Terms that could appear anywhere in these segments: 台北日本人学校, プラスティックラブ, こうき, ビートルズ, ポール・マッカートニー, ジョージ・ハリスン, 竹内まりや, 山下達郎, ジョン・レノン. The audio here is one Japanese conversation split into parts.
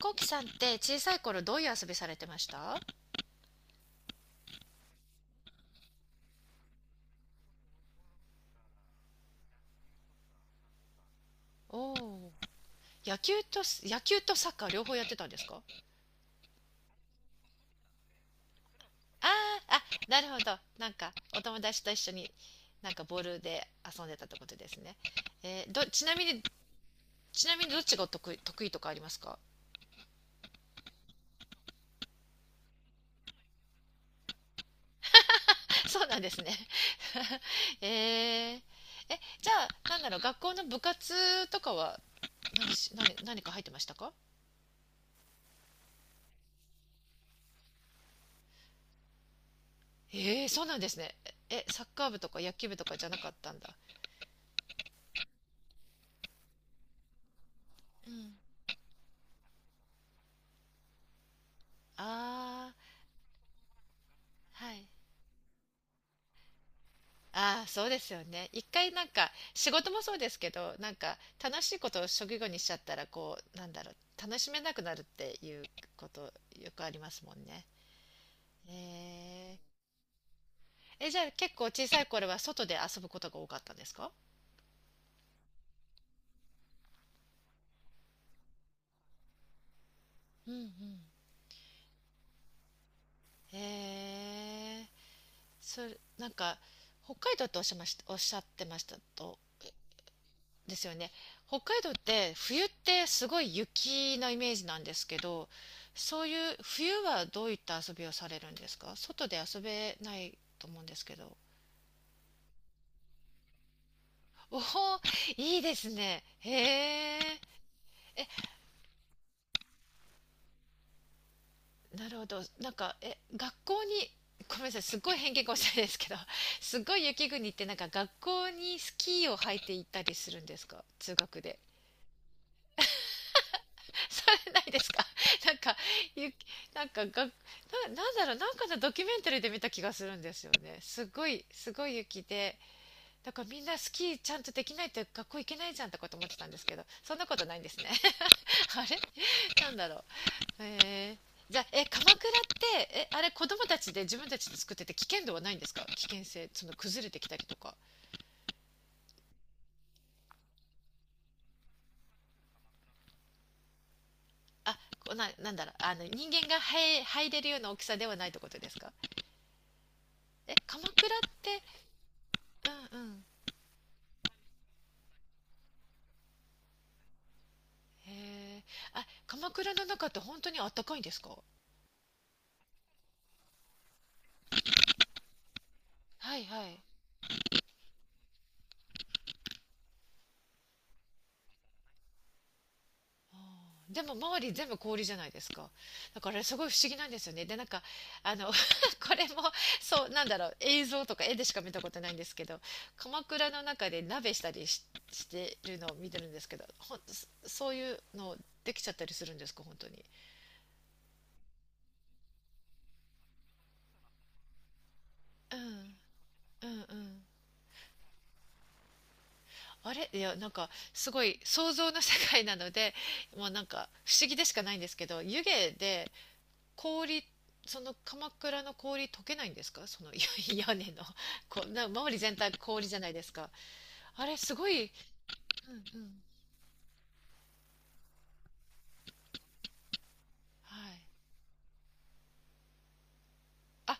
こうきさんって小さい頃どういう遊びされてました？おおー、野球と野球とサッカー両方やってたんですか？ああ、あ、なるほど。お友達と一緒に、ボールで遊んでたってことですね。えーど、ちなみに、ちなみにどっちが得意、得意とかありますか？ そうなんですね。えー、え、じゃあ、学校の部活とかは、何し、何、何か入ってましたか？えー、そうなんですね。え、サッカー部とか野球部とかじゃなかったんだ。うん、ああ、はい。ああ、そうですよね。一回仕事もそうですけど、楽しいことを職業にしちゃったらこう楽しめなくなるっていうことよくありますもんね。えじゃあ結構小さい頃は外で遊ぶことが多かったんですか？うんうん。へえー、それ北海道とおっしゃいました、おっしゃってましたと。ですよね。北海道って冬ってすごい雪のイメージなんですけど、そういう冬はどういった遊びをされるんですか？外で遊べないと思うんですけど。おお、いいですね。へえ。え、なるほど。学校に、ごめんなさい、すっごい偏見かもしれないですけど、すっごい雪国って学校にスキーを履いて行ったりするんですか？通学で。されないですか？ なんか、ゆ、なんかが、な、なんだろう、なんかのドキュメンタリーで見た気がするんですよね。すごい、すごい雪で、だからみんなスキーちゃんとできないと学校行けないじゃんとかと思ってたんですけど、そんなことないんですね。あれなんだろう。えー、じゃあ、え、鎌倉って、え、あれ子供たちで自分たちで作ってて危険度はないんですか？危険性、その崩れてきたりとか。あ、こな、なんだろう、あの、人間が入れるような大きさではないってことですか？え、鎌倉って、うんうん。へえ。あ、鎌倉の中って本当にあったかいんですか？はいはい。あーでも周り全部氷じゃないですか。だからあれすごい不思議なんですよね。で、あの、これも、そう、映像とか絵でしか見たことないんですけど、鎌倉の中で鍋したりし、してるのを見てるんですけど、ほん、そそういうのできちゃったりするんですか、本当に。うん、うんうん、あれいやすごい想像の世界なのでもう不思議でしかないんですけど、湯気で氷、その鎌倉の氷溶けないんですか？屋根のこうな周り全体氷じゃないですか。あれすごい、うんうん、はい、あ、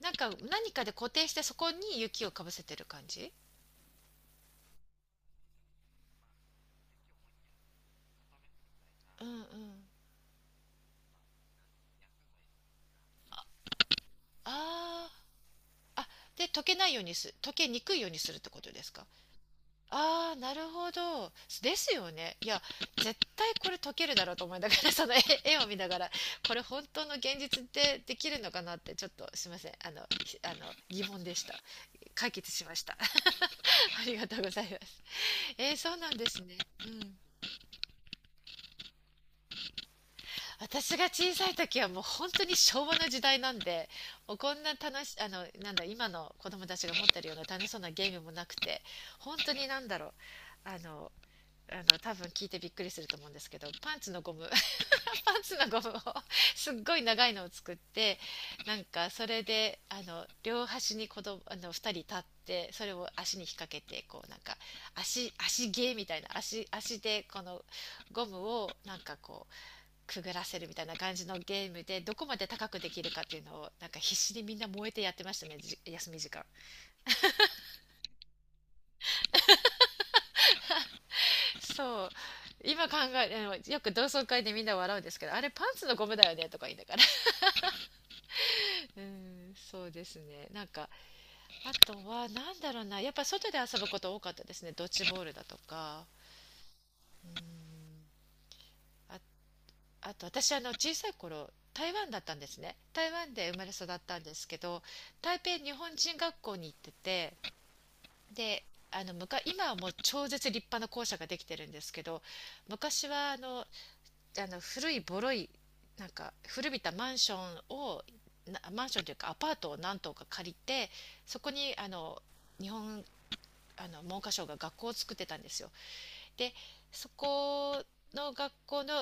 何かで固定してそこに雪をかぶせてる感じ。うんうん、あー、あで溶けないように溶けにくいようにするってことですか？ああ、なるほど。ですよね。いや、絶対これ解けるだろうと思いながら、絵を見ながら、これ本当の現実ってできるのかなって、ちょっとすいません。あの、ひあの、疑問でした。解決しました。ありがとうございます。えー、そうなんですね。うん。私が小さい時はもう本当に昭和の時代なんで、もうこんな楽し、あの、なんだ、今の子供たちが持ってるような楽しそうなゲームもなくて、本当にあの多分聞いてびっくりすると思うんですけど、パンツのゴム。 パンツのゴムを すっごい長いのを作って、それであの両端に子供あの2人立って、それを足に引っ掛けてこう足足芸みたいな、足足でこのゴムをくぐらせるみたいな感じのゲームで、どこまで高くできるかっていうのを必死にみんな燃えてやってましたね、じ休み時間。そう今考え、よく同窓会でみんな笑うんですけど、あれパンツのゴムだよねとか言いながら、うん、そうですね。あとは、なんだろうな、やっぱ外で遊ぶこと多かったですね。ドッジボールだとか。うん、あ、あと私、あの、小さい頃、台湾だったんですね。台湾で生まれ育ったんですけど、台北日本人学校に行ってて、で、あの昔、今はもう超絶立派な校舎ができてるんですけど、昔はあの古いボロい、古びたマンションを、なマンションというかアパートを何棟か借りて、そこにあの、日本文科省が学校を作ってたんですよ。でそこの学校の、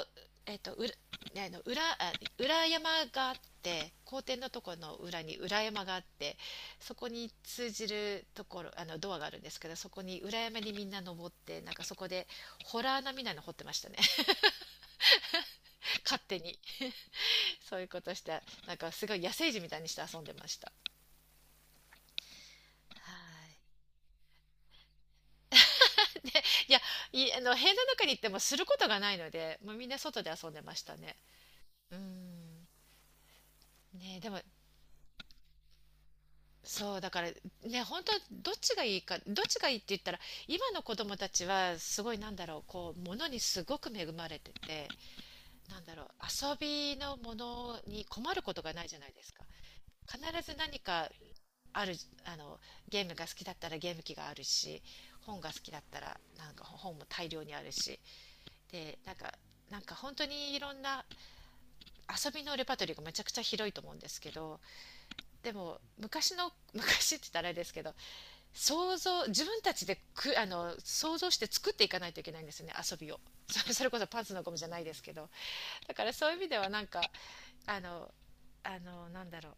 えっと裏、ねあの裏山があって、校庭のところの裏に裏山があって、そこに通じるところあのドアがあるんですけど、そこに裏山にみんな登って、そこでホラーなみたいなの掘ってましたね。 勝手に。そういうことして、すごい野生児みたいにして遊んでました。はい、いやあの部屋の中に行ってもすることがないので、もうみんな外で遊んでましたね。うん、ねでも、そうだからね本当、どっちがいいかどっちがいいって言ったら、今の子供たちはすごいこう物にすごく恵まれてて、遊びのものに困ることがないじゃないですか。必ず何かある。あのゲームが好きだったらゲーム機があるし、本が好きだったら本も大量にあるし、で本当にいろんな遊びのレパートリーがめちゃくちゃ広いと思うんですけど、でも昔の 昔って言ったらあれですけど、想像自分たちでくあの想像して作っていかないといけないんですよね、遊びを。それこそパンツのゴムじゃないですけど。だからそういう意味ではあのあのなんだろう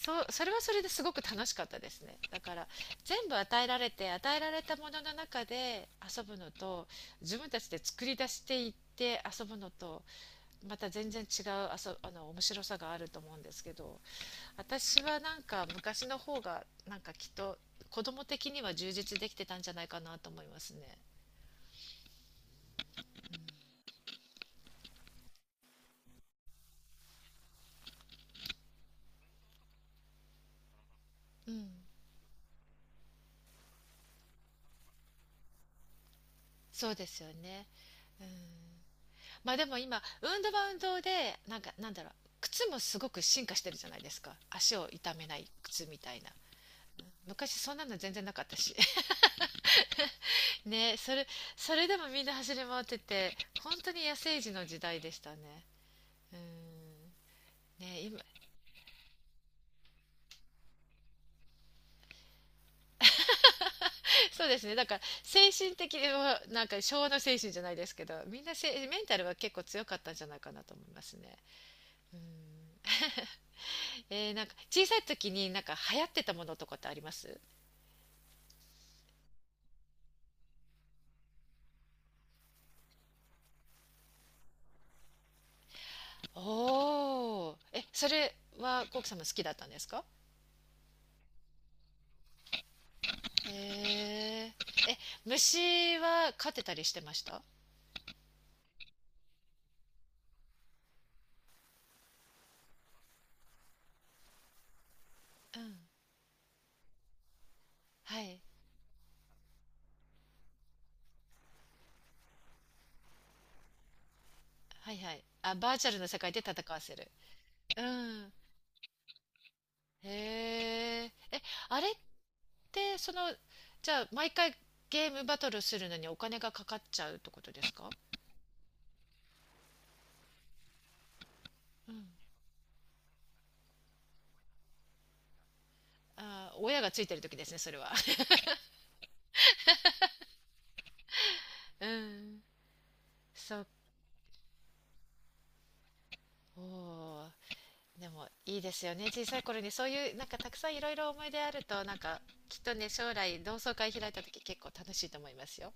そうそれはそれですごく楽しかったですねだから、全部与えられて与えられたものの中で遊ぶのと、自分たちで作り出していって遊ぶのと、また全然違う遊あの面白さがあると思うんですけど、私は昔の方がきっと子供的には充実できてたんじゃないかなと思いますね。うん、そうですよね、うん、まあでも今運動は運動で、なんかなんだろう靴もすごく進化してるじゃないですか、足を痛めない靴みたいな。昔そんなの全然なかったし。 ねそれ、それでもみんな走り回ってて、本当に野生児の時代でしたね。うん、ね今 そうですね、だから精神的には昭和の精神じゃないですけど、みんなメンタルは結構強かったんじゃないかなと思いますね。うん、えー、小さい時に流行ってたものとかってあります？おーえ、それはコウキさんも好きだったんですか？へえ。え、虫は勝てたりしてました？うん。はい。はいはい。あ、バーチャルの世界で戦わせる。うん。へえ。え、あれって、その、じゃあ、毎回ゲームバトルするのにお金がかかっちゃうってことですか？うん。あー、親がついてる時ですね、それは。うん。そっおでもいいですよね、小さい頃にそういうたくさんいろいろ思い出あると、きっとね将来同窓会開いた時結構楽しいと思いますよ。